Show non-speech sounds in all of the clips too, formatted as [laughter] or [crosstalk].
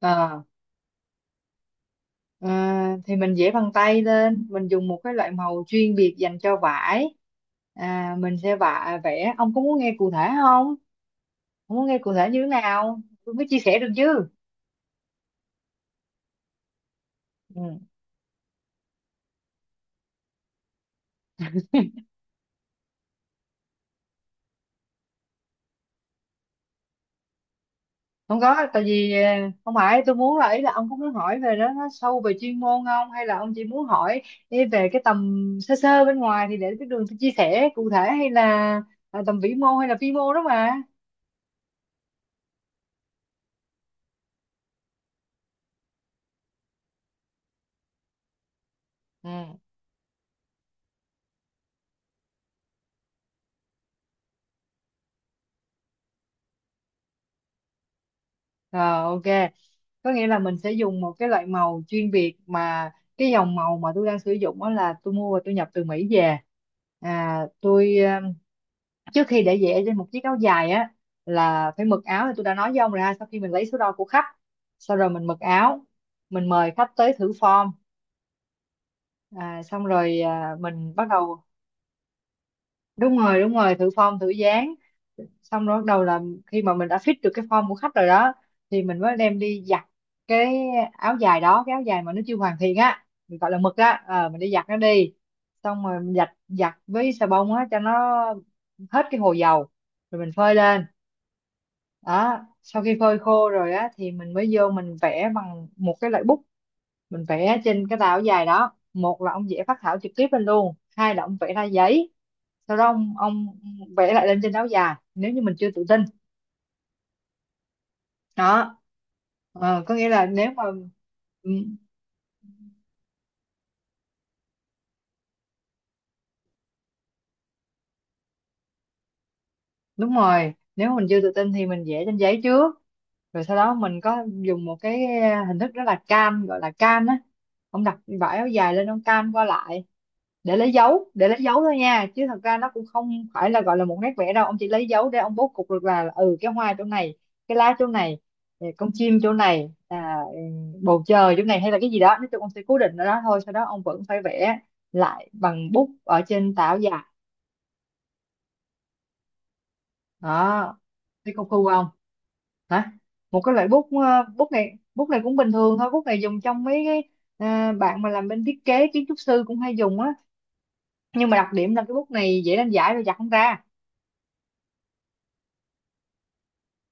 Ờ, ờ, thì mình vẽ bằng tay lên, mình dùng một cái loại màu chuyên biệt dành cho vải. À, mình sẽ vẽ. Ông có muốn nghe cụ thể không? Ông muốn nghe cụ thể như thế nào tôi mới chia sẻ được chứ. Ừ. Không có, tại vì không phải tôi muốn, là ý là ông có muốn hỏi về đó nó sâu về chuyên môn không, hay là ông chỉ muốn hỏi ý về cái tầm sơ sơ bên ngoài thì để cái đường tôi chia sẻ cụ thể, hay là tầm vĩ mô hay là vi mô đó mà. Ừ. Rồi, ok. Có nghĩa là mình sẽ dùng một cái loại màu chuyên biệt, mà cái dòng màu mà tôi đang sử dụng đó là tôi mua và tôi nhập từ Mỹ về. À tôi trước khi để vẽ trên một chiếc áo dài á là phải mực áo, thì tôi đã nói với ông rồi, sau khi mình lấy số đo của khách sau rồi mình mực áo, mình mời khách tới thử form. Xong rồi mình bắt đầu. Đúng rồi, đúng rồi, thử form thử dáng, xong rồi bắt đầu là khi mà mình đã fit được cái form của khách rồi đó thì mình mới đem đi giặt cái áo dài đó. Cái áo dài mà nó chưa hoàn thiện á mình gọi là mực á, mình đi giặt nó đi, xong rồi mình giặt giặt với xà bông á cho nó hết cái hồ dầu, rồi mình phơi lên. Đó, sau khi phơi khô rồi á thì mình mới vô mình vẽ bằng một cái loại bút. Mình vẽ trên cái tàu dài đó, một là ông vẽ phác thảo trực tiếp lên luôn, hai là ông vẽ ra giấy sau đó ông vẽ lại lên trên áo dài nếu như mình chưa tự tin. Đó. Ờ, có nghĩa là nếu mà ừ, đúng rồi, nếu mà mình chưa tự tin thì mình vẽ trên giấy trước, rồi sau đó mình có dùng một cái hình thức rất là cam gọi là cam á, ông đặt vải áo dài lên ông cam qua lại để lấy dấu. Để lấy dấu thôi nha, chứ thật ra nó cũng không phải là gọi là một nét vẽ đâu, ông chỉ lấy dấu để ông bố cục được là cái hoa chỗ này, cái lá chỗ này, con chim chỗ này, bầu trời chỗ này, hay là cái gì đó. Nói chung ông sẽ cố định ở đó thôi, sau đó ông vẫn phải vẽ lại bằng bút ở trên tảo dài. Đó. Thấy công phu không? Hả? Một cái loại bút bút này cũng bình thường thôi, bút này dùng trong mấy cái bạn mà làm bên thiết kế kiến trúc sư cũng hay dùng á, nhưng mà đặc điểm là cái bút này dễ đánh giải rồi giặt không ra.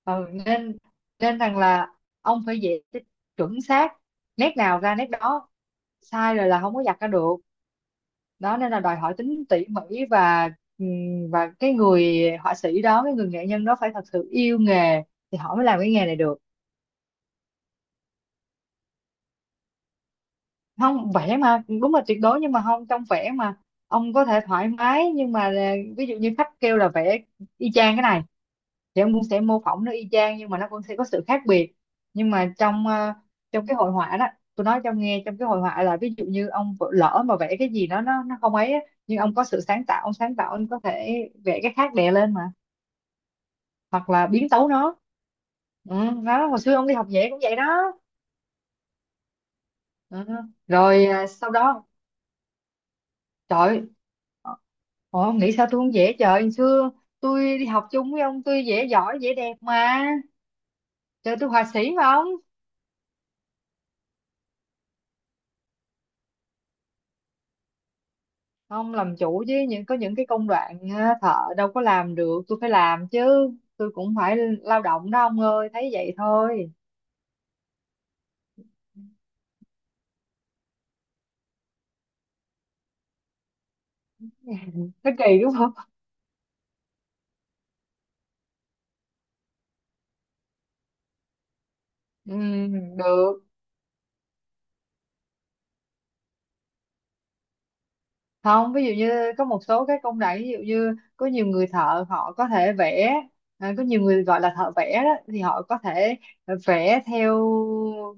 Ừ, nên nên rằng là ông phải dễ chuẩn xác, nét nào ra nét đó, sai rồi là không có giặt ra được. Đó, nên là đòi hỏi tính tỉ mỉ và cái người họa sĩ đó, cái người nghệ nhân đó phải thật sự yêu nghề thì họ mới làm cái nghề này được. Không vẽ mà đúng là tuyệt đối, nhưng mà không, trong vẽ mà ông có thể thoải mái, nhưng mà là ví dụ như khách kêu là vẽ y chang cái này thì ông cũng sẽ mô phỏng nó y chang, nhưng mà nó cũng sẽ có sự khác biệt. Nhưng mà trong trong cái hội họa đó, tôi nói cho ông nghe, trong cái hội họa là ví dụ như ông lỡ mà vẽ cái gì đó nó không ấy á, nhưng ông có sự sáng tạo, ông sáng tạo ông có thể vẽ cái khác đè lên mà, hoặc là biến tấu nó. Ừ, đó, hồi xưa ông đi học vẽ cũng vậy đó. Ừ. Rồi, sau đó. Trời. Ôi, ông nghĩ sao tôi không vẽ trời. Hồi xưa tôi đi học chung với ông, tôi vẽ giỏi vẽ đẹp mà. Trời, tôi họa sĩ mà ông. Ông làm chủ chứ, những có những cái công đoạn thợ đâu có làm được, tôi phải làm chứ. Tôi cũng phải lao động đó ông ơi, thấy vậy thôi. [laughs] Nó kỳ đúng không? Ừ, được. Không, ví dụ như có một số cái công đoạn, ví dụ như có nhiều người thợ họ có thể vẽ, à, có nhiều người gọi là thợ vẽ đó thì họ có thể vẽ theo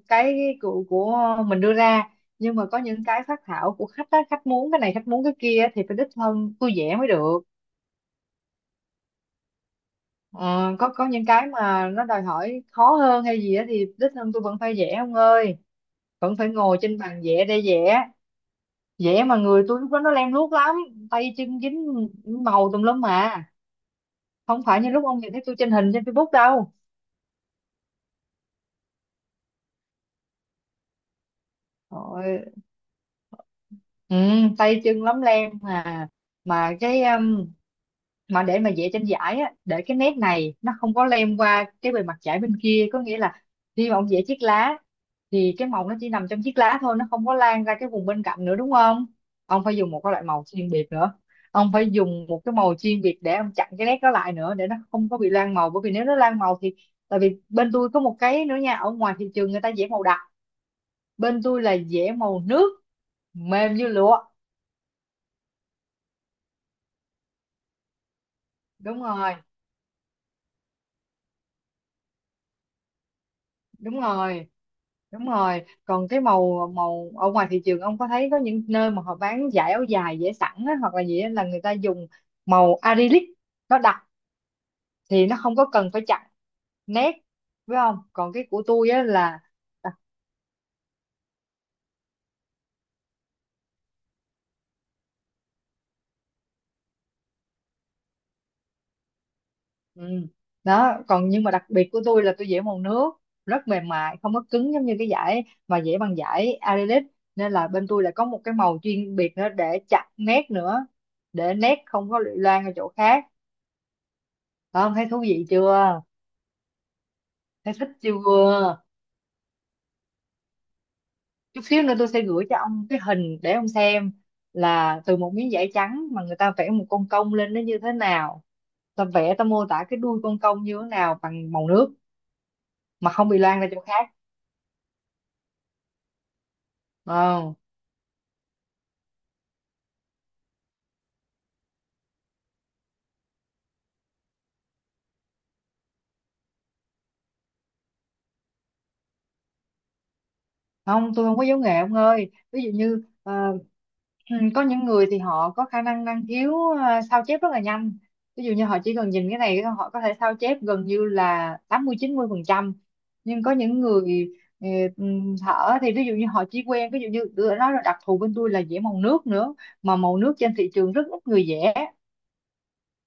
cái của mình đưa ra, nhưng mà có những cái phác thảo của khách á, khách muốn cái này, khách muốn cái kia thì phải đích thân tôi vẽ mới được. Ờ, có những cái mà nó đòi hỏi khó hơn hay gì á thì đích thân tôi vẫn phải vẽ ông ơi, vẫn phải ngồi trên bàn vẽ để vẽ. Vẽ mà người tôi lúc đó nó lem luốc lắm, tay chân dính màu tùm lum mà, không phải như lúc ông nhìn thấy tôi trên hình trên Facebook đâu. Rồi, ừ, tay chân lắm lem mà cái mà để mà vẽ trên giải á, để cái nét này nó không có lem qua cái bề mặt giải bên kia, có nghĩa là khi mà ông vẽ chiếc lá thì cái màu nó chỉ nằm trong chiếc lá thôi, nó không có lan ra cái vùng bên cạnh nữa, đúng không. Ông phải dùng một cái loại màu chuyên biệt nữa, ông phải dùng một cái màu chuyên biệt để ông chặn cái nét đó lại nữa, để nó không có bị lan màu, bởi vì nếu nó lan màu thì, tại vì bên tôi có một cái nữa nha, ở ngoài thị trường người ta vẽ màu đậm, bên tôi là dẻ màu nước, mềm như lụa. Đúng rồi, đúng rồi, đúng rồi, còn cái màu, màu ở ngoài thị trường ông có thấy có những nơi mà họ bán dải áo dài dẻ sẵn á, hoặc là gì á, là người ta dùng màu acrylic, nó đặc thì nó không có cần phải chặn nét, phải không. Còn cái của tôi á là [laughs] Ừ. Đó, còn nhưng mà đặc biệt của tôi là tôi vẽ màu nước, rất mềm mại, không có cứng giống như cái giải mà vẽ bằng giải acrylic, nên là bên tôi lại có một cái màu chuyên biệt nữa để chặt nét nữa, để nét không có loang ở chỗ khác. Không, thấy thú vị chưa? Thấy thích chưa? Chút xíu nữa tôi sẽ gửi cho ông cái hình để ông xem là từ một miếng giải trắng mà người ta vẽ một con công lên nó như thế nào. Ta vẽ, ta mô tả cái đuôi con công như thế nào bằng màu nước mà không bị loang ra chỗ khác. Ờ. Không, tôi không có giấu nghề ông ơi, ví dụ như ừ, có những người thì họ có khả năng, năng khiếu, à, sao chép rất là nhanh, ví dụ như họ chỉ cần nhìn cái này họ có thể sao chép gần như là tám mươi chín mươi phần trăm. Nhưng có những người ờ, thở thì, ví dụ như họ chỉ quen, ví dụ như tôi đã nói là đặc thù bên tôi là vẽ màu nước nữa, mà màu nước trên thị trường rất ít người vẽ,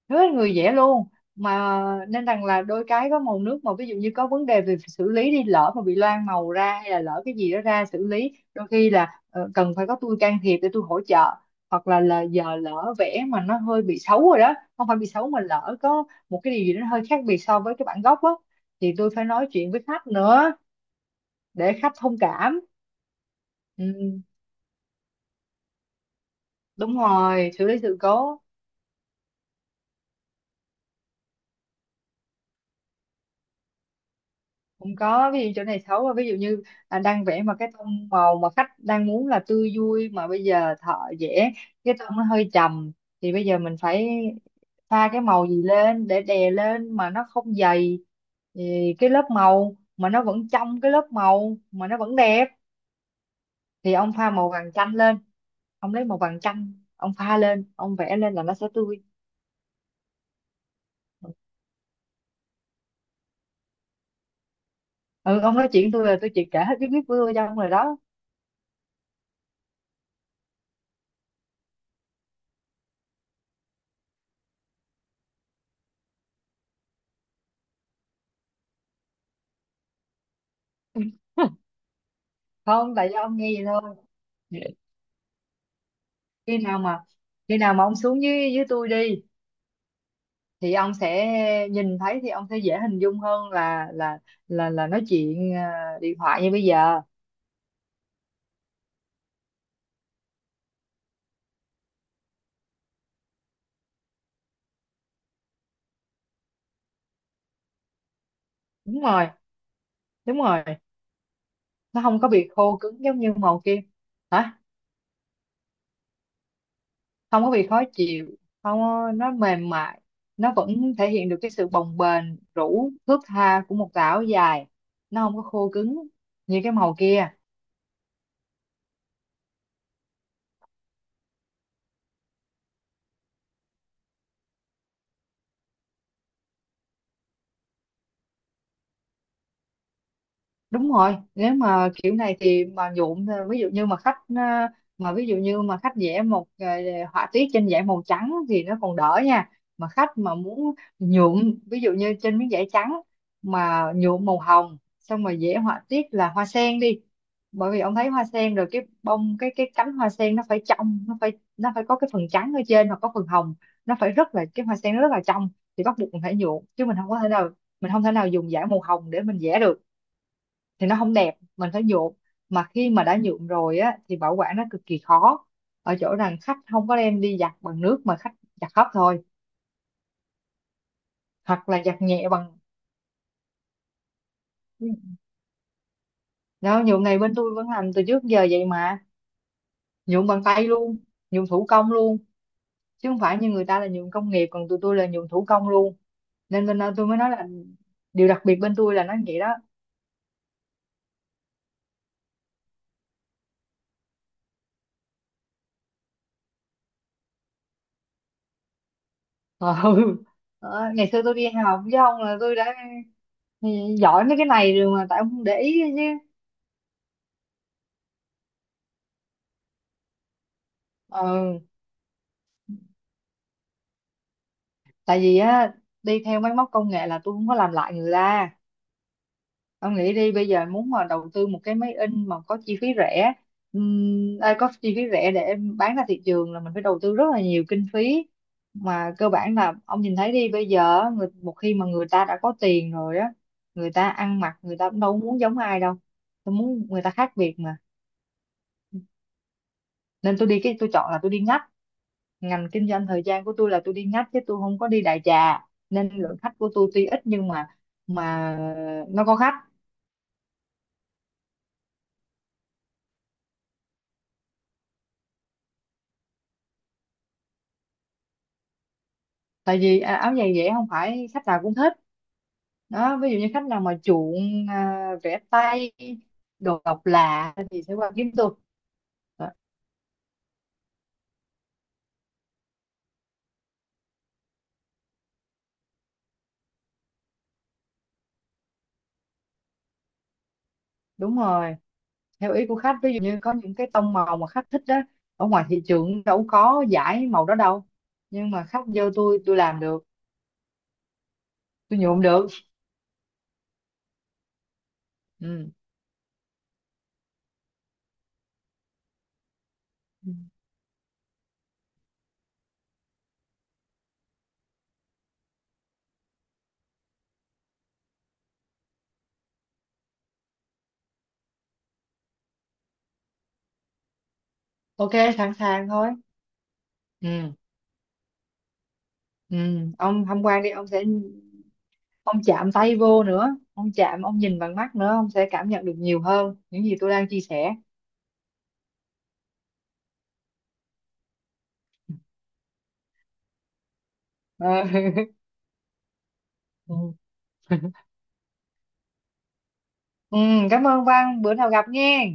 rất người dễ luôn mà, nên rằng là đôi cái có màu nước mà ví dụ như có vấn đề về xử lý đi, lỡ mà bị loang màu ra hay là lỡ cái gì đó ra, xử lý đôi khi là cần phải có tôi can thiệp để tôi hỗ trợ. Hoặc là giờ lỡ vẽ mà nó hơi bị xấu rồi đó, không phải bị xấu mà lỡ có một cái điều gì đó hơi khác biệt so với cái bản gốc á, thì tôi phải nói chuyện với khách nữa, để khách thông cảm. Ừ, đúng rồi, xử lý sự cố. Không có, ví dụ chỗ này xấu, ví dụ như đang vẽ mà cái tông màu mà khách đang muốn là tươi vui, mà bây giờ thợ vẽ cái tông nó hơi trầm, thì bây giờ mình phải pha cái màu gì lên để đè lên mà nó không dày, thì cái lớp màu mà nó vẫn trong, cái lớp màu mà nó vẫn đẹp, thì ông pha màu vàng chanh lên, ông lấy màu vàng chanh ông pha lên ông vẽ lên là nó sẽ tươi. Ừ, ông nói chuyện tôi là tôi chỉ kể hết cái biết của tôi cho ông rồi đó. [laughs] Không, tại do ông nghe vậy thôi. Khi nào mà, khi nào mà ông xuống dưới dưới tôi đi, thì ông sẽ nhìn thấy, thì ông sẽ dễ hình dung hơn là nói chuyện điện thoại như bây giờ. Đúng rồi. Đúng rồi, nó không có bị khô cứng giống như màu kia. Hả? Không có bị khó chịu. Không có- Nó mềm mại, nó vẫn thể hiện được cái sự bồng bềnh, rũ thướt tha của một tà áo dài, nó không có khô cứng như cái màu kia. Đúng rồi, nếu mà kiểu này thì mà nhuộm, ví dụ như mà khách, mà ví dụ như mà khách vẽ một, họa tiết trên giấy màu trắng thì nó còn đỡ nha. Mà khách mà muốn nhuộm, ví dụ như trên miếng giấy trắng mà nhuộm màu hồng xong rồi vẽ họa tiết là hoa sen đi. Bởi vì ông thấy hoa sen rồi, cái bông, cái cánh hoa sen nó phải trong, nó phải có cái phần trắng ở trên hoặc có phần hồng. Nó phải rất là, cái hoa sen nó rất là trong, thì bắt buộc mình phải nhuộm chứ mình không có thể nào, mình không thể nào dùng giải màu hồng để mình vẽ được, thì nó không đẹp, mình phải nhuộm. Mà khi mà đã nhuộm rồi á thì bảo quản nó cực kỳ khó, ở chỗ rằng khách không có đem đi giặt bằng nước mà khách giặt khắp thôi, hoặc là giặt nhẹ bằng. Đó, nhuộm này bên tôi vẫn làm từ trước giờ vậy mà, nhuộm bằng tay luôn, nhuộm thủ công luôn, chứ không phải như người ta là nhuộm công nghiệp, còn tụi tôi là nhuộm thủ công luôn. Nên bên tôi mới nói là điều đặc biệt bên tôi là nó vậy đó. Ờ, [laughs] ừ. Ờ, ngày xưa tôi đi học với ông là tôi đã giỏi mấy cái này rồi mà tại ông không để ý chứ. Ừ. Tại vì á, đi theo máy móc công nghệ là tôi không có làm lại người ta. Ông nghĩ đi, bây giờ muốn mà đầu tư một cái máy in mà có chi phí rẻ, ai có chi phí rẻ để bán ra thị trường là mình phải đầu tư rất là nhiều kinh phí. Mà cơ bản là ông nhìn thấy đi, bây giờ á, người, một khi mà người ta đã có tiền rồi á, người ta ăn mặc người ta cũng đâu muốn giống ai đâu, tôi muốn người ta khác biệt mà. Nên tôi đi, cái tôi chọn là tôi đi ngách. Ngành kinh doanh thời gian của tôi là tôi đi ngách chứ tôi không có đi đại trà, nên lượng khách của tôi tuy ít nhưng mà nó có khách. Tại vì à, áo giày dễ không phải khách nào cũng thích. Đó, ví dụ như khách nào mà chuộng à, vẽ tay, đồ độc lạ thì sẽ qua kiếm tôi. Đó. Đúng rồi, theo ý của khách, ví dụ như có những cái tông màu mà khách thích đó, ở ngoài thị trường đâu có giải màu đó đâu, nhưng mà khách vô tôi làm được, tôi nhuộm được. Ừ. Ok, sẵn sàng thôi. Ừ. Ừ. Ông tham quan đi, ông sẽ, ông chạm tay vô nữa, ông chạm, ông nhìn bằng mắt nữa, ông sẽ cảm nhận được nhiều hơn những gì tôi đang chia sẻ. Ờ. [laughs] Ừ. Ừ, cảm ơn Văn, bữa nào gặp nghe.